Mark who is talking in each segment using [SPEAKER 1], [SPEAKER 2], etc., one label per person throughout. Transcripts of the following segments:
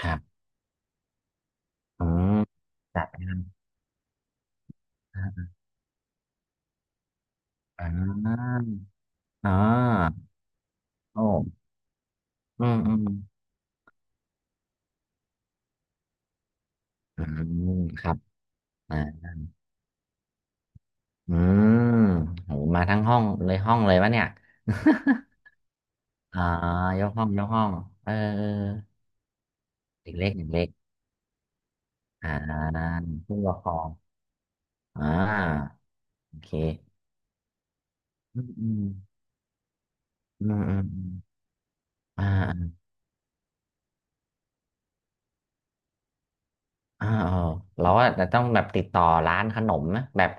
[SPEAKER 1] ครับอืมจัดอ่าอ่าโอ้อืมอืมอืมครับอ่าอืมโหมาทั้งห้องเลยห้องเลยวะเนี่ย อ่ายกห้องยกห้องเออเออเด็กเล็กเด็กเล็กอ่าผู้ปกครองอ่าโอเคอืมอืมอืมอืมอมอ่า เออเราว่าจะต้องแบบติดต่อร้านขนมนะแบบ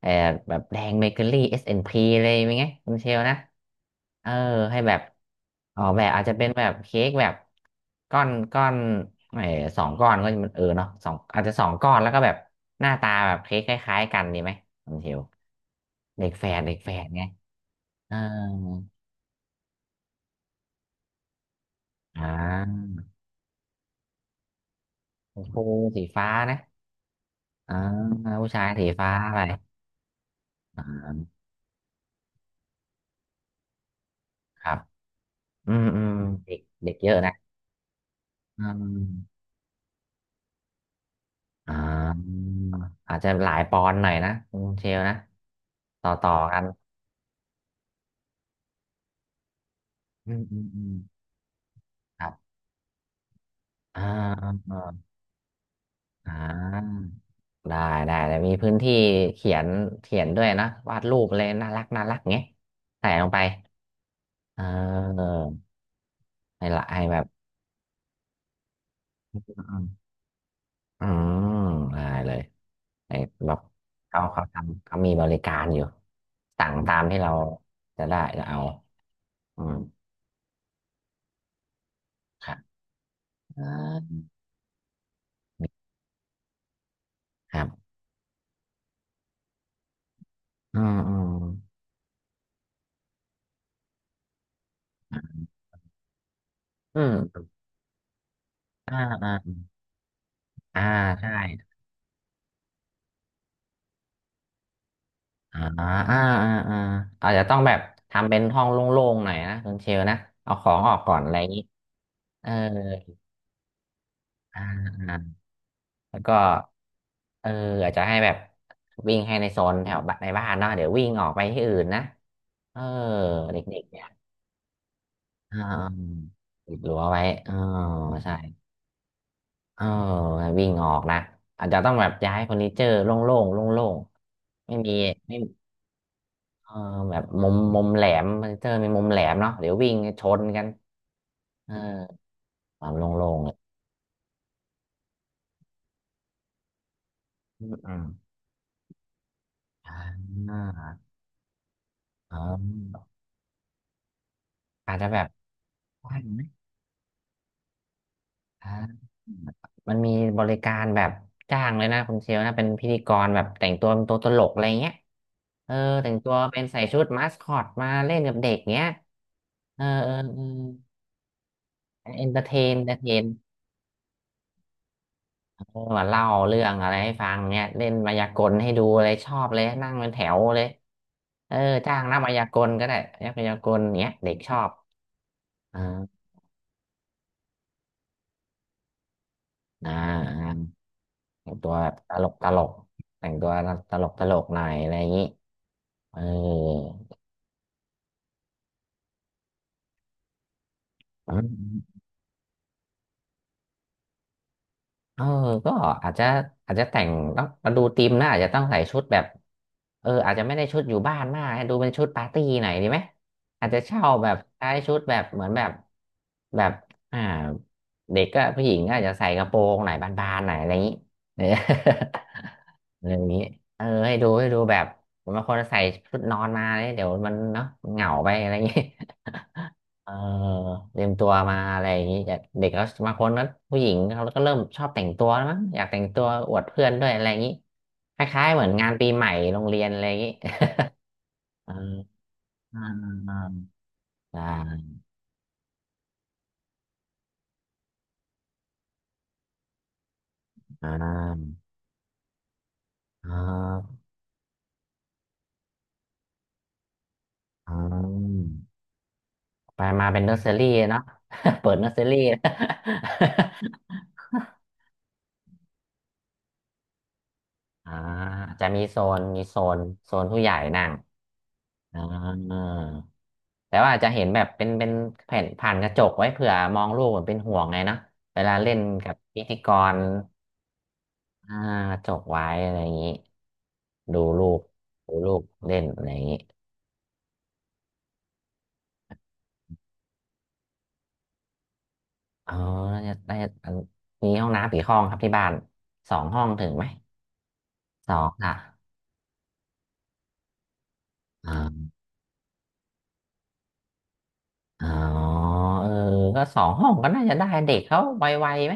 [SPEAKER 1] เออแบบแดงเบเกอรี่ S&P เอ็นพีเลยมั้ยไงคุณเชลนะเออให้แบบออกแบบอาจจะเป็นแบบเค้กแบบก้อนเออสองก้อนก็จะมันเออเนาะสองอาจจะสองก้อนแล้วก็แบบหน้าตาแบบเค้กคล้ายๆกันดีไหมคุณเชลเด็กแฝดเด็กแฝดไงเอออ่าชมูสีฟ้านะอ่าผู้ชายสีฟ้าไปอ่าครับ อืมอืมเด็กเด็กเยอะนะอืมอ่าอาจจะหลายปอนด์หน่อยนะคุณเชลนะต่อกันอืมอืมอืมครับอ่าอ่าอ่าอ่าได้ได้แต่มีพื้นที่เขียนเขียนด้วยนะวาดรูปเลยน่ารักน่ารักเงี้ยใส่ลงไปเออให้ละให้แบบอืมอืมได้เลยไอ้แบบเขาทำเขามีบริการอยู่สั่งตามที่เราจะได้จะเอาอืม อ่าครับอืมอืมอืมอ่าอ่าอ่าใช่อ่าอ่าอ่าอ่าอาจจะต้องแบบทำเป็นห้องโล่งๆหน่อยนะคุณเชลนะ เอาของออกก่อนอะไรอย่างนี้เอออ่าอ่าแล้วก็เอออาจจะให้แบบวิ่งให้ในโซนแถวบ้านในบ้านเนาะเดี๋ยววิ่งออกไปที่อื่นนะเออเด็กๆเนี่ยอ่าอิดรั้วไว้อ๋อใช่ เออวิ่งออกนะอาจจะต้องแบบย้ายเฟอร์นิเจอร์โล่งๆโล่งๆไม่มีไม่เออแบบมุมแหลมเฟอร์นิเจอร์มีมุมแหลมเนาะเดี๋ยววิ่งชนกันเออความโล่งๆเลยอืมอืมอ่าอ๋ออาจจะแบบได้ไหมอ่ามันมีบริการแบบจ้างเลยนะคุณเชลนะเป็นพิธีกรแบบแต่งตัวเป็นตัวตลกอะไรเงี้ยเออแต่งตัวเป็นใส่ชุดมาสคอตมาเล่นกับเด็กเงี้ยเออเออเออ เอนเตอร์เทนเอนเตอร์เทนเออมาเล่าเรื่องอะไรให้ฟังเนี่ยเล่นมายากลให้ดูอะไรชอบเลยนั่งเป็นแถวเลยเออจ้างนักมายากลก็ได้นักมายากลเนี้ยเด็กชอบอ่าอ่าอ่าแต่งตัวแบบตลกแต่งตัวตลกหน่อยอะไรอย่างนี้เออ เออก็อาจจะอาจจะแต่งต้องมาดูธีมนะอาจจะต้องใส่ชุดแบบเอออาจจะไม่ได้ชุดอยู่บ้านมากให้ดูเป็นชุดปาร์ตี้หน่อยดีไหมอาจจะเช่าแบบใช้ชุดแบบเหมือนแบบแบบอ่าเด็กก็ผู้หญิงก็อาจจะใส่กระโปรงหน่อยบานๆหน่อยอะไรอย่างนี้เออ อะไรอย่างนี้เออให้ดูให้ดูแบบบางคนใส่ชุดนอนมาเนี่ยเดี๋ยวมันเนาะเหงาไปอะไรอย่างนี้ เออเตรียมตัวมาอะไรอย่างนี้แต่เด็กก็บางคนก็ผู้หญิงเขาก็เริ่มชอบแต่งตัวแล้วมั้งอยากแต่งตัวอวดเพื่อนด้วยอะไรอย่างนี้คล้ายๆเหมือนงานปีใหม่โรงเรียนอะไรอย่างนี้ อาอ่าอ่าอ่าอ่าอ่าอ่าไปมาเป็นเนอร์เซอรี่เนาะ เปิดเนอร์เซอรี่ อ่าจะมีโซนมีโซนโซนผู้ใหญ่นั่งอ่า แต่ว่าจะเห็นแบบเป็นแผ่นผ่านกระจกไว้เผื่อมองลูกเหมือนเป็นห่วงไงนะเวลาเล่นกับพิธีกรอ่ากระจกไว้อะไรอย่างนี้ ดูลูกดูลูกเล่นอะไรอย่างนี้อ๋อน่าจะได้อันมีห้องน้ำกี่ห้องครับที่บ้านสองห้องถึงไหมสองอ่ะอ่าอ๋อเออก็สองห้องก็น่าจะได้เด็กเขาไวๆไหม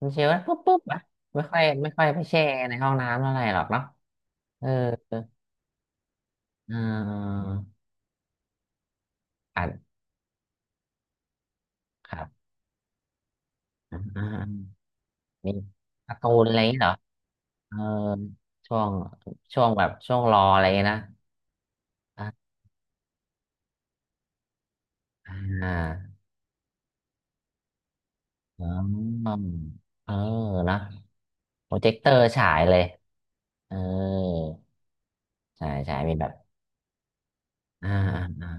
[SPEAKER 1] มันเชียวนะปุ๊บปุ๊บอะไม่ค่อยไปแช่ในห้องน้ำเท่าไหร่หรอกเนาะเออเอออ่า ครับอ่ามีการ์ตูนอะไรอย่างงี้เหรอเออช่วงช่วงแบบช่วงรออะไร่นะอ่าออเออนะโปรเจคเตอร์ฉายเลยเออใช่มีแบบอ่า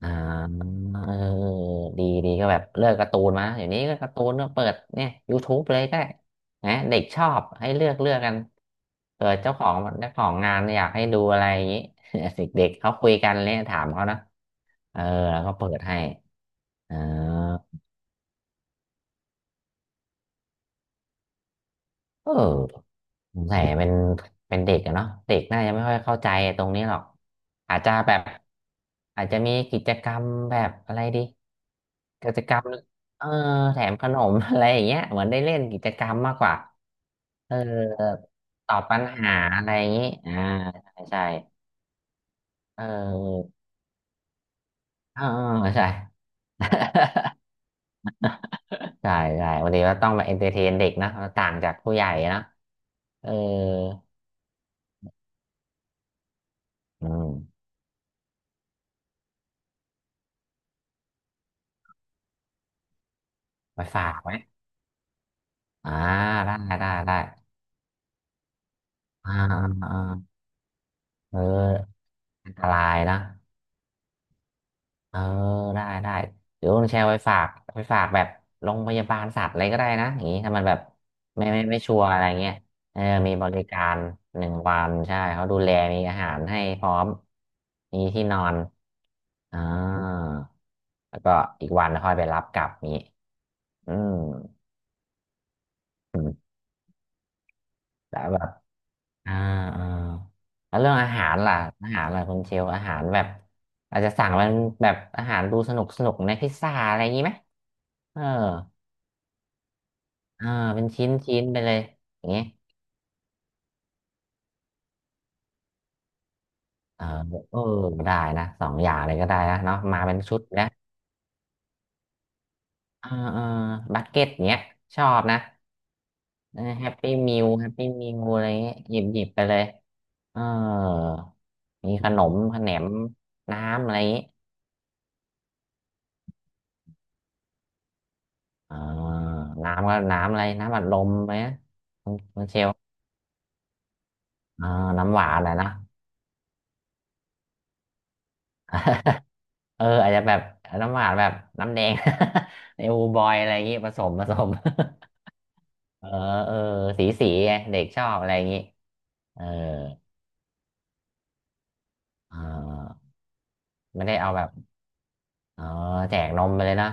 [SPEAKER 1] อ่าเออดีดีก็แบบเลือกการ์ตูนมาเดี๋ยวนี้ก็การ์ตูนก็เปิดเนี่ย YouTube เลยก็ได้นะเด็กชอบให้เลือกเลือกกันเปิดเจ้าของเจ้าของงานอยากให้ดูอะไรอย่างนี้ เด็กๆเขาคุยกันเลยถามเขานะเออแล้วก็เปิดให้อ่า เออสงสัยเป็นเป็นเด็กอะเนาะเด็กน่าจะไม่ค่อยเข้าใจตรงนี้หรอกอาจจะแบบ อาจจะมีกิจกรรมแบบอะไรดีกิจกรรมเออแถมขนม อะไรอย่างเงี้ยเหมือนได้เล่นกิจกรรมมากกว่าเออตอบปัญหาอะไรอย่างงี้อ่าใช่เออเออเออใช่ ใช่ใช่วันนี้ว่าต้องมาเอนเตอร์เทนเด็กนะต่างจากผู้ใหญ่นะเอออืมไปฝากไหม อ่าได้ได้ได้อ่าอ่าอ่าเอออันตรายนะเออได้ได้เดี๋ยวคุณแชร์ไว้ฝากไปฝากแบบโรงพยาบาลสัตว์อะไรก็ได้นะอย่างนี้ถ้ามันแบบไม่ไม่ไม่ชัวร์อะไรเงี้ยเออมีบริการหนึ่งวันใช่เขาดูแลมีอาหารให้พร้อมมีที่นอนอ่าแล้วก็อีกวันค่อยไปรับกลับนี้อืมแล้วแบบ อ่าอ่าแล้วเรื่องอาหารล่ะอาหารล่ะคุณเชลอาหารแบบอาจจะสั่งเป็นแบบอาหารดูสนุกสนุกในพิซซ่าอะไรอย่างนี้ไหมเออเออเป็นชิ้นชิ้นไปเลยอย่างงี้เออเออได้นะสองอย่างเลยก็ได้นะเนาะมาเป็นชุดนะเออเออบัคเก็ตเนี้ยชอบนะแฮปปี้มิวแฮปปี้มิวอะไรเงี้ยหยิบหยิบไปเลยเออมีขนมขนมน้ำอะไรอย่างงี้อ่าน้ำก็น้ำอะไรน้ำอัดลมไหม มันเชลอ่าน้ำหวานแหละนะเอออาจจะแบบน้ำหวานแบบน้ำแดง ในอูบอยอะไรอย่างงี้ผสมผสม เออเออสีสีไงเด็กชอบอะไรอย่างงี้เอออ่าไม่ได้เอาแบบเออแจกนมไปเลยนะ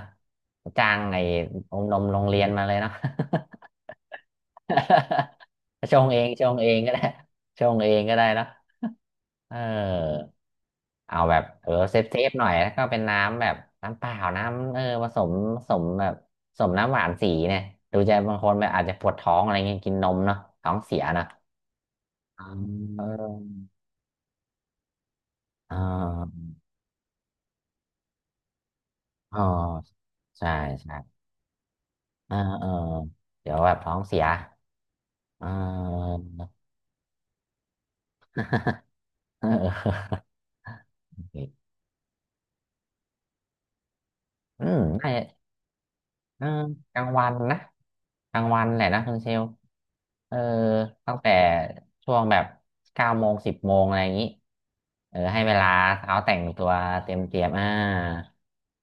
[SPEAKER 1] จ้างไอ้อมนมโรงเรียนมาเลยเนาะ ชงเองชงเองก็ได้ชงเองก็ได้เนาะเออ เอาแบบเออเซฟเซฟหน่อยแล้วก็เป็นน้ำแบบน้ำเปล่าน้ำเออผสมผสมแบบผสมน้ำหวานสีเนี่ยดูจะบางคนแบบอาจจะปวดท้องอะไรเงี้ยกินนมเนาะท้องเสียเนาะอ่าเออเออเออใช่ใช่เออเออเดี๋ยวแบบท้องเสียเออ เอออืมน่าจะ เออกลางวันนะกลางวันแหละนะคุณเชลเออตั้งแต่ช่วงแบบ9 โมง10 โมงอะไรอย่างนี้เออให้เวลาเอาแต่งตัวเตรียมเตรียมอ่า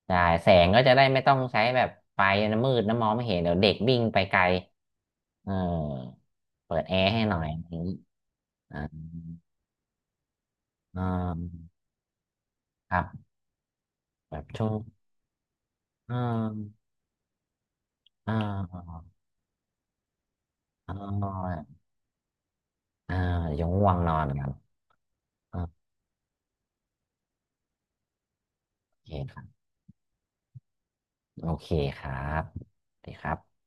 [SPEAKER 1] ใช่แสงก็จะได้ไม่ต้องใช้แบบไฟนะมืดนะมองไม่เห็นเดี๋ยวเด็กวิ่งไปไกลเออเปิดแอร์ให้หน่อยอะไรอย่างนี้อ่าอ่าครับแบบช่วงอ่าอ่าอ่าอ่าเดี๋ยวง่วงนอนกันอ่าโอเค โอเคครับดีครับ